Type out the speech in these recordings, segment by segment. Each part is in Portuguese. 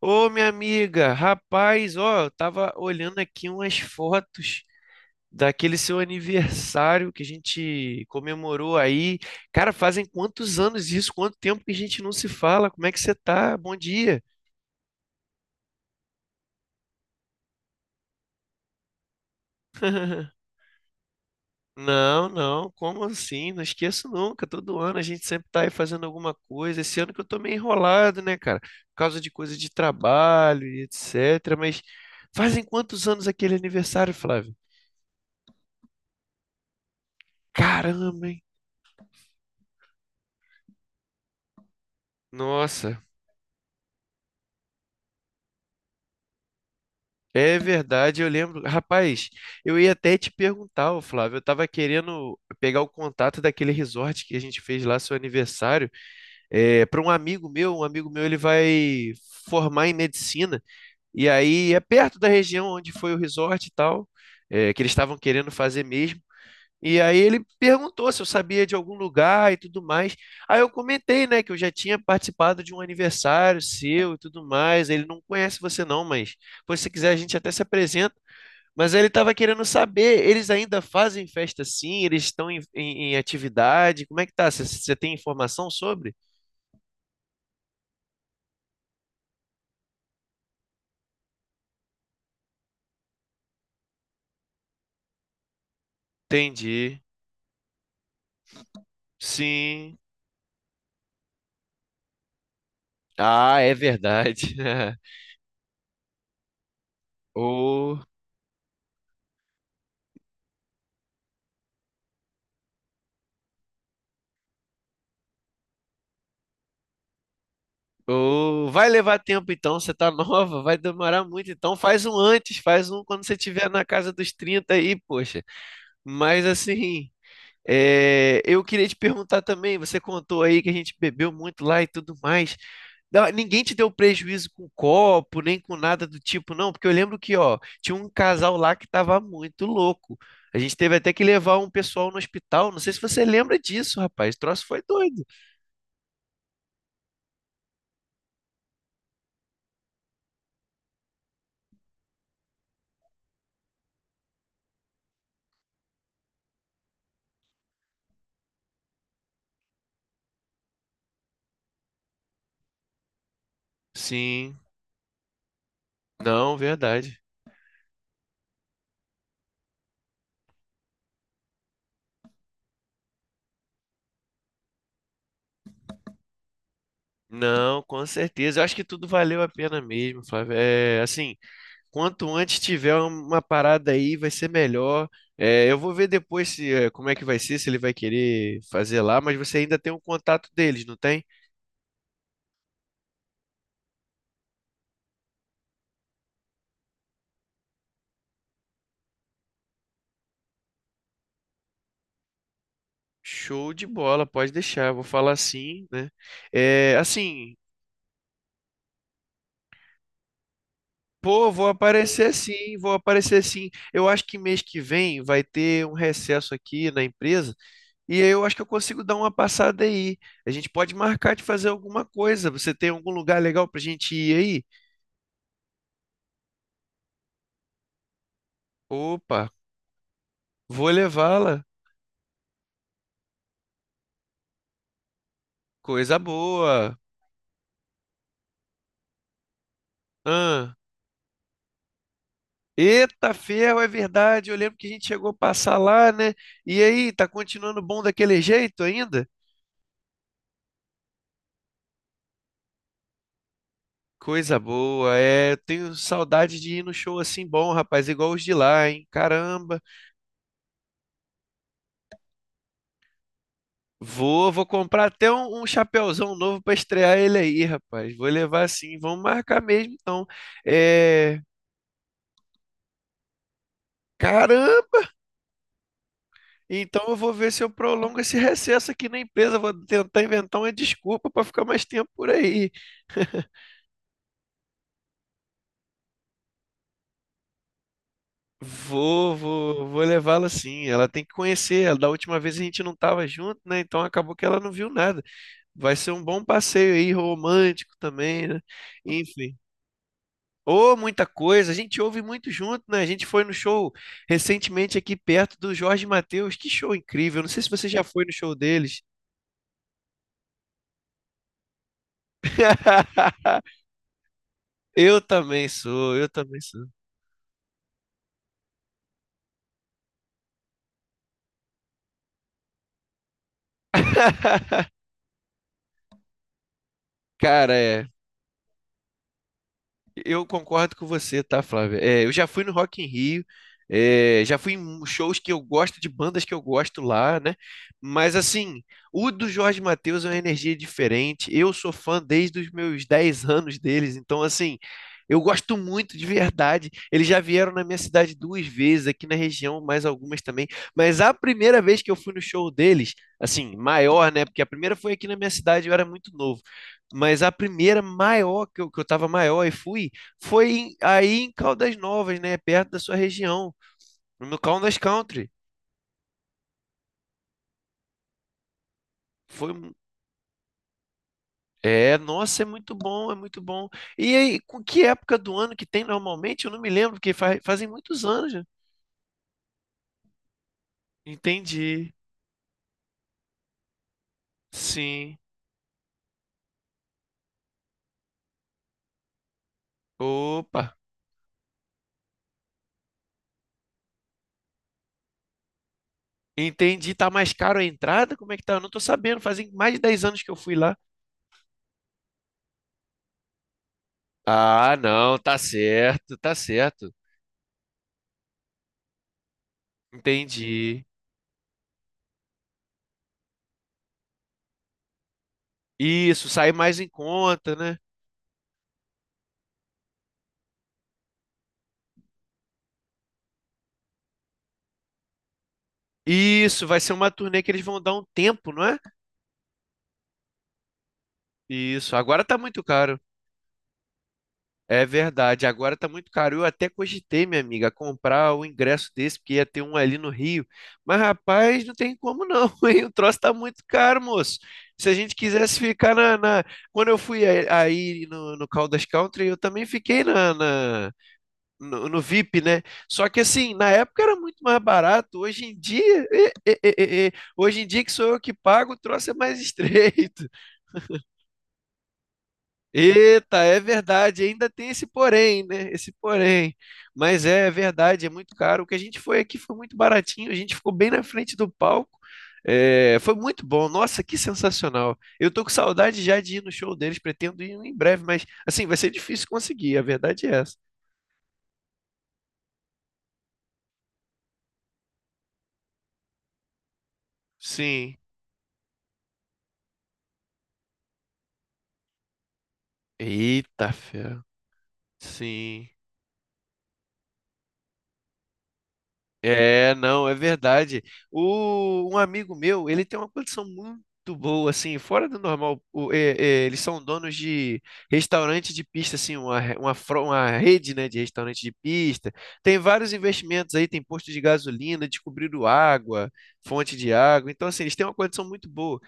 Ô, minha amiga, rapaz, ó, eu tava olhando aqui umas fotos daquele seu aniversário que a gente comemorou aí. Cara, fazem quantos anos isso? Quanto tempo que a gente não se fala? Como é que você tá? Bom dia. Não, não, como assim? Não esqueço nunca. Todo ano a gente sempre tá aí fazendo alguma coisa. Esse ano que eu tô meio enrolado, né, cara? Por causa de coisa de trabalho e etc. Mas fazem quantos anos aquele aniversário, Flávio? Caramba, hein? Nossa, é verdade, eu lembro. Rapaz, eu ia até te perguntar, ô Flávio, eu tava querendo pegar o contato daquele resort que a gente fez lá, seu aniversário, é, para um amigo meu. Um amigo meu, ele vai formar em medicina, e aí é perto da região onde foi o resort e tal, é, que eles estavam querendo fazer mesmo. E aí ele perguntou se eu sabia de algum lugar e tudo mais. Aí eu comentei, né, que eu já tinha participado de um aniversário seu e tudo mais. Ele não conhece você não, mas... Pois se quiser, a gente até se apresenta. Mas ele estava querendo saber, eles ainda fazem festa sim? Eles estão em atividade? Como é que tá? Você tem informação sobre? Entendi. Sim. Ah, é verdade. Ô, ô, vai levar tempo então, você tá nova, vai demorar muito então. Faz um antes, faz um quando você estiver na casa dos 30 aí, poxa. Mas assim, é, eu queria te perguntar também, você contou aí que a gente bebeu muito lá e tudo mais. Não, ninguém te deu prejuízo com copo, nem com nada do tipo, não, porque eu lembro que, ó, tinha um casal lá que tava muito louco. A gente teve até que levar um pessoal no hospital. Não sei se você lembra disso, rapaz. O troço foi doido. Sim, não, verdade. Não, com certeza. Eu acho que tudo valeu a pena mesmo, Flávio. É, assim, quanto antes tiver uma parada aí, vai ser melhor. É, eu vou ver depois se, é, como é que vai ser, se ele vai querer fazer lá, mas você ainda tem o contato deles, não tem? Show de bola, pode deixar. Eu vou falar sim, né? É, assim, pô, vou aparecer sim, vou aparecer sim. Eu acho que mês que vem vai ter um recesso aqui na empresa. E aí eu acho que eu consigo dar uma passada aí. A gente pode marcar de fazer alguma coisa. Você tem algum lugar legal pra gente ir aí? Opa, vou levá-la. Coisa boa. Ah. Eita, ferro, é verdade. Eu lembro que a gente chegou a passar lá, né? E aí, tá continuando bom daquele jeito ainda? Coisa boa, é. Eu tenho saudade de ir no show assim bom, rapaz, igual os de lá, hein? Caramba. Vou, vou comprar até um, chapéuzão novo pra estrear ele aí, rapaz. Vou levar assim, vamos marcar mesmo, então. É. Caramba! Então eu vou ver se eu prolongo esse recesso aqui na empresa. Vou tentar inventar uma desculpa pra ficar mais tempo por aí. Vou, vou, vou levá-la sim. Ela tem que conhecer. Ela- Da última vez a gente não estava junto, né? Então acabou que ela não viu nada. Vai ser um bom passeio aí, romântico também, né? Enfim. Ô, muita coisa. A gente ouve muito junto, né? A gente foi no show recentemente aqui perto do Jorge Mateus. Que show incrível. Não sei se você já foi no show deles. Eu também sou, eu também sou. Cara, é. Eu concordo com você, tá, Flávia? É, eu já fui no Rock in Rio, é, já fui em shows que eu gosto, de bandas que eu gosto lá, né? Mas assim, o do Jorge Mateus é uma energia diferente. Eu sou fã desde os meus 10 anos deles, então assim, eu gosto muito de verdade. Eles já vieram na minha cidade duas vezes, aqui na região, mais algumas também. Mas a primeira vez que eu fui no show deles, assim, maior, né? Porque a primeira foi aqui na minha cidade, eu era muito novo. Mas a primeira maior que eu tava maior e fui, foi em- aí em Caldas Novas, né? Perto da sua região, no Caldas Country. Foi, mu- é, nossa, é muito bom, é muito bom. E aí, com que época do ano que tem normalmente? Eu não me lembro, porque fa- fazem muitos anos, já. Entendi. Sim. Opa. Entendi. Tá mais caro a entrada? Como é que tá? Eu não tô sabendo. Fazem mais de 10 anos que eu fui lá. Ah, não, tá certo, tá certo. Entendi. Isso, sai mais em conta, né? Isso, vai ser uma turnê que eles vão dar um tempo, não é? Isso, agora tá muito caro. É verdade, agora tá muito caro. Eu até cogitei, minha amiga, comprar o ingresso desse, porque ia ter um ali no Rio. Mas, rapaz, não tem como não, hein? O troço tá muito caro, moço. Se a gente quisesse ficar na quando eu fui aí no Caldas Country, eu também fiquei na no VIP, né? Só que assim, na época era muito mais barato. Hoje em dia, hoje em dia que sou eu que pago, o troço é mais estreito. Eita, é verdade, ainda tem esse porém, né? Esse porém. Mas é verdade, é muito caro. O que a gente foi aqui foi muito baratinho, a gente ficou bem na frente do palco. É, foi muito bom, nossa, que sensacional. Eu tô com saudade já de ir no show deles, pretendo ir em breve, mas assim, vai ser difícil conseguir, a verdade é essa. Sim. Eita, fé. Sim. É, não, é verdade. O, um amigo meu, ele tem uma condição muito boa, assim, fora do normal. O- eles são donos de restaurante de pista, assim, uma, re- uma, fro- uma rede, né, de restaurante de pista. Tem vários investimentos aí, tem posto de gasolina, descobriram água, fonte de água. Então, assim, eles têm uma condição muito boa.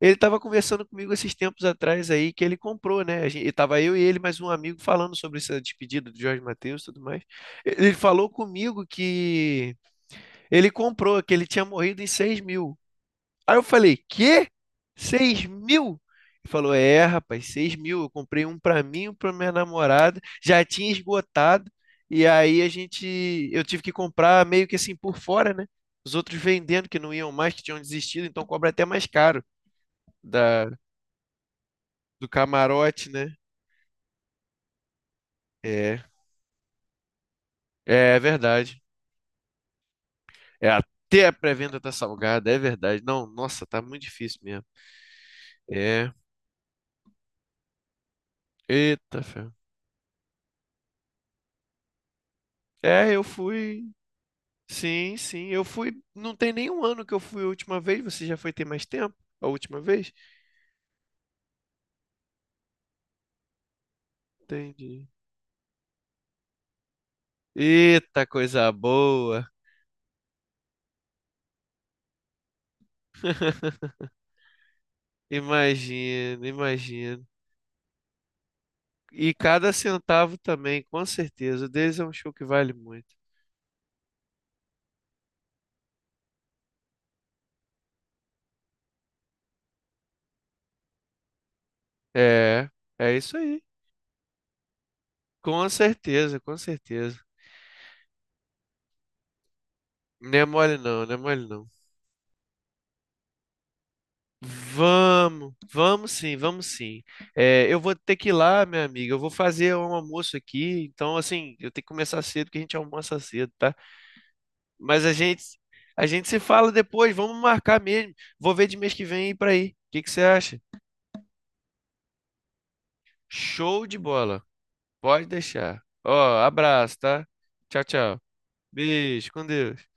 Ele estava conversando comigo esses tempos atrás aí, que ele comprou, né? A gente, tava eu e ele, mais um amigo, falando sobre essa despedida do Jorge Mateus e tudo mais. Ele falou comigo que ele comprou, que ele tinha morrido em 6 mil. Aí eu falei, quê? 6 mil? Ele falou, é, rapaz, 6 mil. Eu comprei um pra mim, um pra minha namorada. Já tinha esgotado. E aí a gente, eu tive que comprar meio que assim por fora, né? Os outros vendendo que não iam mais, que tinham desistido, então cobra até mais caro da, do camarote, né? É, é verdade. É, até a pré-venda tá salgada, é verdade. Não, nossa, tá muito difícil mesmo. É, eita, fé. É, eu fui. Sim, sim. Eu fui. Não tem nenhum ano que eu fui a última vez. Você já foi ter mais tempo? A última vez? Entendi. Eita, coisa boa. Imagino, imagino. E cada centavo também, com certeza. O deles é um show que vale muito. É, é isso aí. Com certeza, com certeza. Não é mole não, não é mole não. Vamos, vamos sim, vamos sim. É, eu vou ter que ir lá, minha amiga. Eu vou fazer um almoço aqui, então assim, eu tenho que começar cedo, porque a gente almoça cedo, tá? Mas a gente se fala depois, vamos marcar mesmo. Vou ver de mês que vem ir pra aí. O que que você acha? Show de bola. Pode deixar. Ó, abraço, tá? Tchau, tchau. Beijo, com Deus.